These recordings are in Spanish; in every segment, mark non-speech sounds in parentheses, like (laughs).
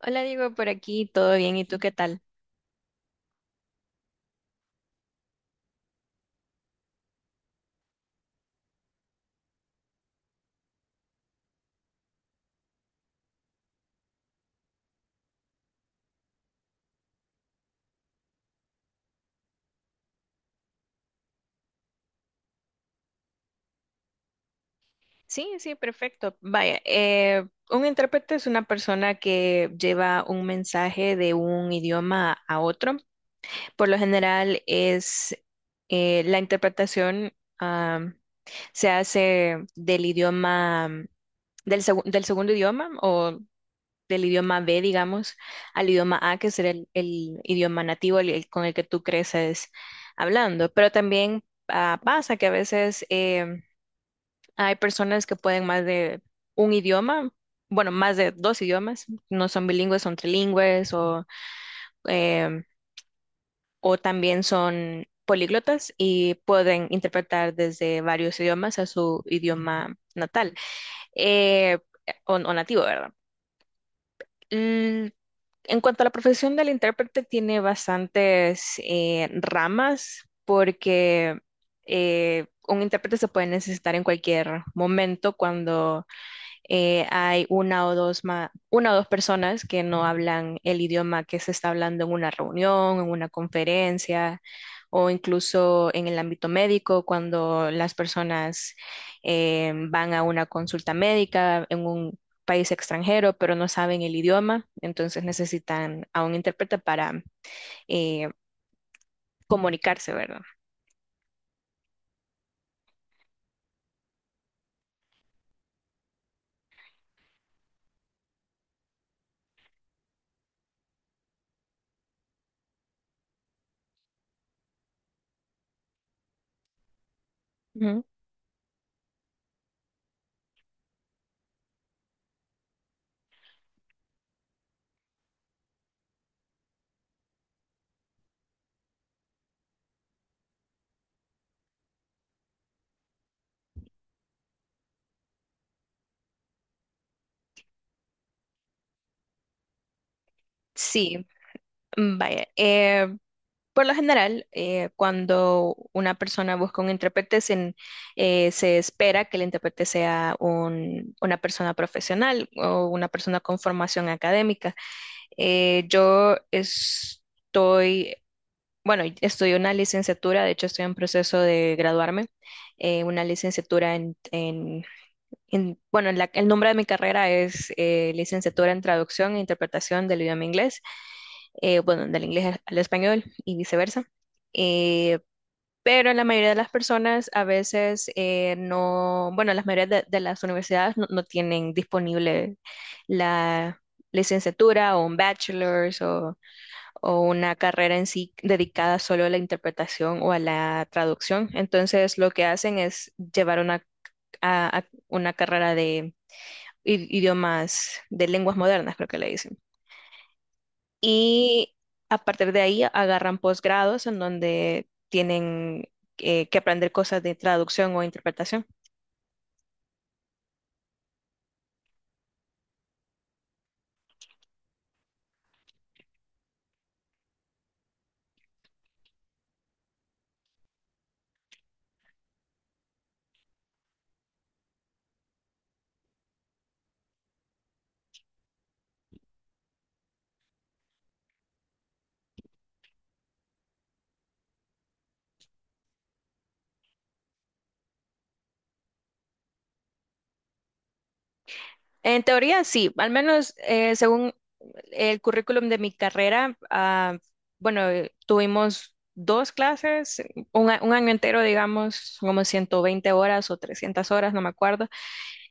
Hola, digo por aquí, ¿todo bien? ¿Y tú qué tal? Sí, sí, perfecto. Vaya, un intérprete es una persona que lleva un mensaje de un idioma a otro. Por lo general es la interpretación am, se hace del idioma, del segundo idioma o del idioma B, digamos, al idioma A, que será el idioma nativo el con el que tú creces hablando. Pero también pasa que a veces, hay personas que pueden más de un idioma, bueno, más de dos idiomas, no son bilingües, son trilingües em, o también son políglotas y pueden interpretar desde varios idiomas a su idioma natal, eh, o nativo, ¿verdad? Mm, en cuanto a la profesión del intérprete, tiene bastantes ramas porque un intérprete se puede necesitar en cualquier momento cuando hay una o dos personas que no hablan el idioma que se está hablando en una reunión, en una conferencia o incluso en el ámbito médico, cuando las personas van a una consulta médica en un país extranjero, pero no saben el idioma, entonces necesitan a un intérprete para eh, comunicarse, ¿verdad? Ujú. Sí, vaya. Por lo general, cuando una persona busca un intérprete, se espera que el intérprete sea una persona profesional o una persona con formación académica. Eh, yo estoy, bueno, estudio una licenciatura, de hecho estoy en proceso de graduarme, una licenciatura en, bueno, el nombre de mi carrera es licenciatura en traducción e interpretación del idioma inglés, bueno, del inglés al español y viceversa. Eh, pero la mayoría de las personas a veces no, bueno, las mayoría de las universidades no tienen disponible la licenciatura o un bachelor's o una carrera en sí dedicada solo a la interpretación o a la traducción. Entonces, lo que hacen es llevar una carrera de idiomas, de lenguas modernas, creo que le dicen. Y a partir de ahí agarran posgrados en donde tienen que aprender cosas de traducción o interpretación. En teoría, sí, al menos según el currículum de mi carrera, bueno, tuvimos dos clases, un año entero, digamos, como 120 horas o 300 horas, no me acuerdo,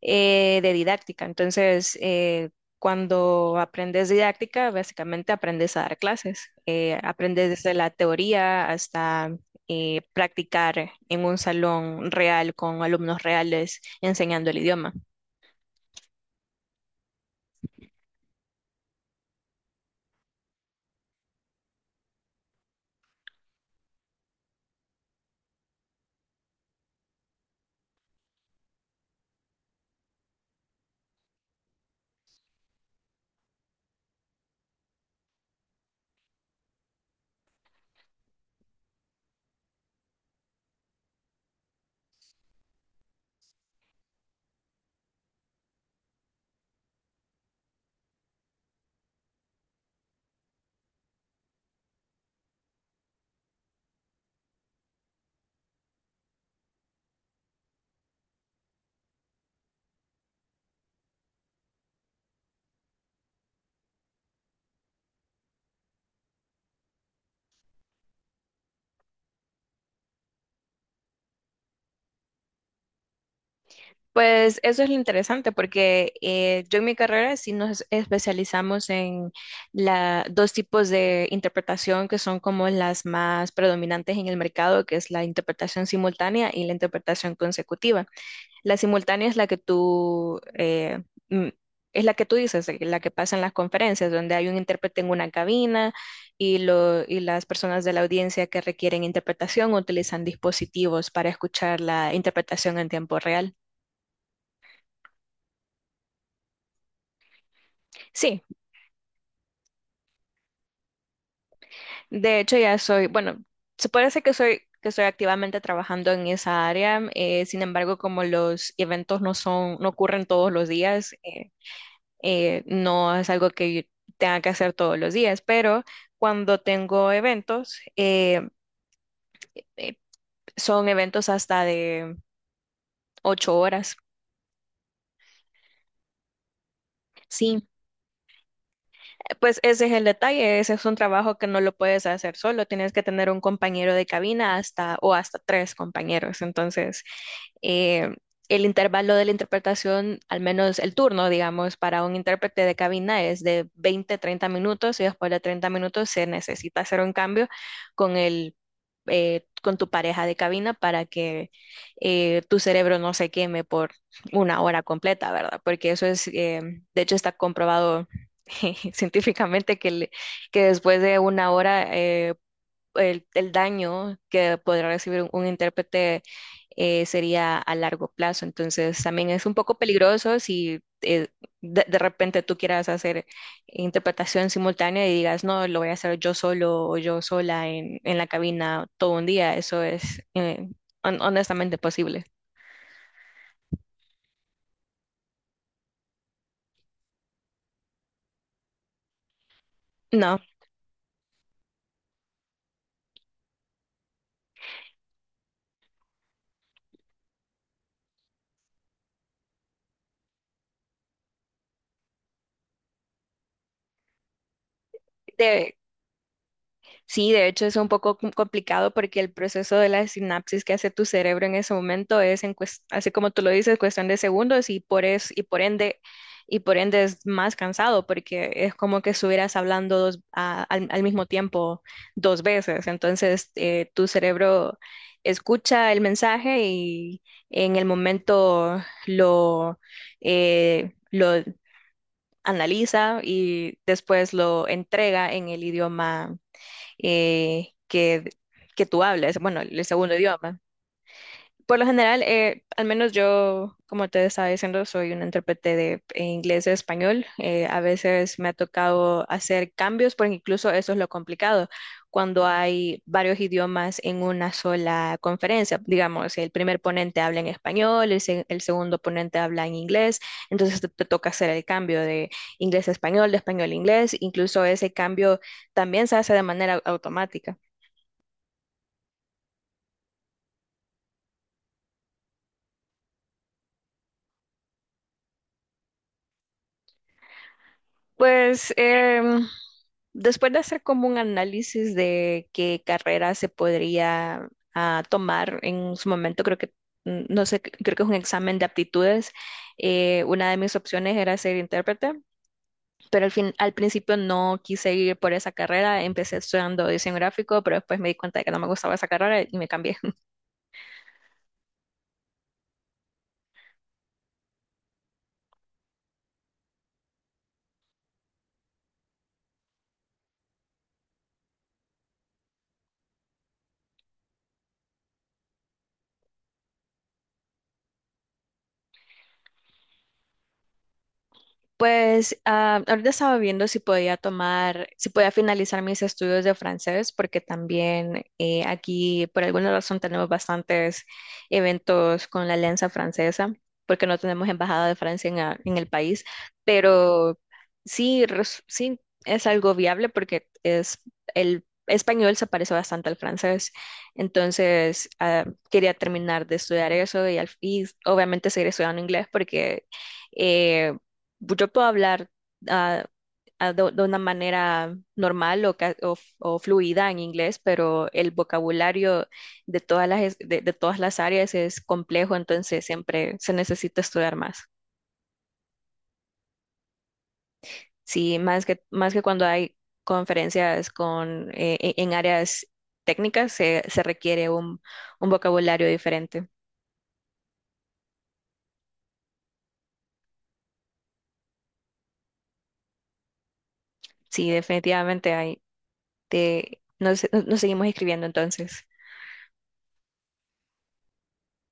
de didáctica. Entonces, cuando aprendes didáctica, básicamente aprendes a dar clases. Aprendes desde la teoría hasta practicar en un salón real con alumnos reales enseñando el idioma. Pues eso es lo interesante porque yo en mi carrera sí nos especializamos en dos tipos de interpretación que son como las más predominantes en el mercado, que es la interpretación simultánea y la interpretación consecutiva. La simultánea es la mm, que tú dices, la que pasa en las conferencias, donde hay un intérprete en una cabina y las personas de la audiencia que requieren interpretación utilizan dispositivos para escuchar la interpretación en tiempo real. Sí, de hecho bueno, se puede decir que estoy activamente trabajando en esa área, sin embargo, como los eventos no ocurren todos los días, no es algo que yo tenga que hacer todos los días, pero cuando tengo eventos, eh, son eventos hasta de 8 horas. Sí, pues ese es el detalle, ese es un trabajo que no lo puedes hacer solo, tienes que tener un compañero de cabina hasta o hasta tres compañeros. Entonces, eh, el intervalo de la interpretación, al menos el turno, digamos, para un intérprete de cabina es de 20, 30 minutos y después de 30 minutos se necesita hacer un cambio con el con tu pareja de cabina para que tu cerebro no se queme por 1 hora completa, ¿verdad? Porque eso es, de hecho, está comprobado (laughs) científicamente que después de 1 hora, el daño que podrá recibir un intérprete sería a largo plazo. Entonces también es un poco peligroso si de repente tú quieras hacer interpretación simultánea y digas, no, lo voy a hacer yo solo o yo sola en la cabina todo un día. Eso es, honestamente posible. No. de- Sí, de hecho es un poco complicado porque el proceso de la sinapsis que hace tu cerebro en ese momento es así como tú lo dices, cuestión de segundos y por es- y por ende es más cansado porque es como que estuvieras hablando al mismo tiempo dos veces. Entonces, tu cerebro escucha el mensaje y en el momento lo lo analiza y después lo entrega en el idioma, eh, que, que tú hablas, bueno, el segundo idioma. Por lo general, al menos yo, como te estaba diciendo, soy un intérprete de inglés y español. A veces me ha tocado hacer cambios, porque incluso eso es lo complicado, cuando hay varios idiomas en una sola conferencia. Digamos, el primer ponente habla en español, el segundo ponente habla en inglés, entonces te toca hacer el cambio de inglés a español, de español a inglés. Incluso ese cambio también se hace de manera automática. Pues después de hacer como un análisis de qué carrera se podría tomar en su momento, no sé, creo que es un examen de aptitudes, una de mis opciones era ser intérprete, pero al principio no quise ir por esa carrera, empecé estudiando diseño gráfico, pero después me di cuenta de que no me gustaba esa carrera y me cambié. Pues ahorita estaba viendo si podía finalizar mis estudios de francés, porque también aquí por alguna razón tenemos bastantes eventos con la Alianza Francesa, porque no tenemos embajada de Francia en el país, pero sí es algo viable porque es el español se parece bastante al francés, entonces quería terminar de estudiar eso y obviamente seguir estudiando inglés porque... eh, yo puedo hablar, ah, de una manera normal o, ca- o f- o fluida en inglés, pero el vocabulario de todas las áreas es complejo, entonces siempre se necesita estudiar más. Sí, más que cuando hay conferencias en áreas técnicas, se requiere un vocabulario diferente. Sí, definitivamente hay. Nos seguimos escribiendo entonces.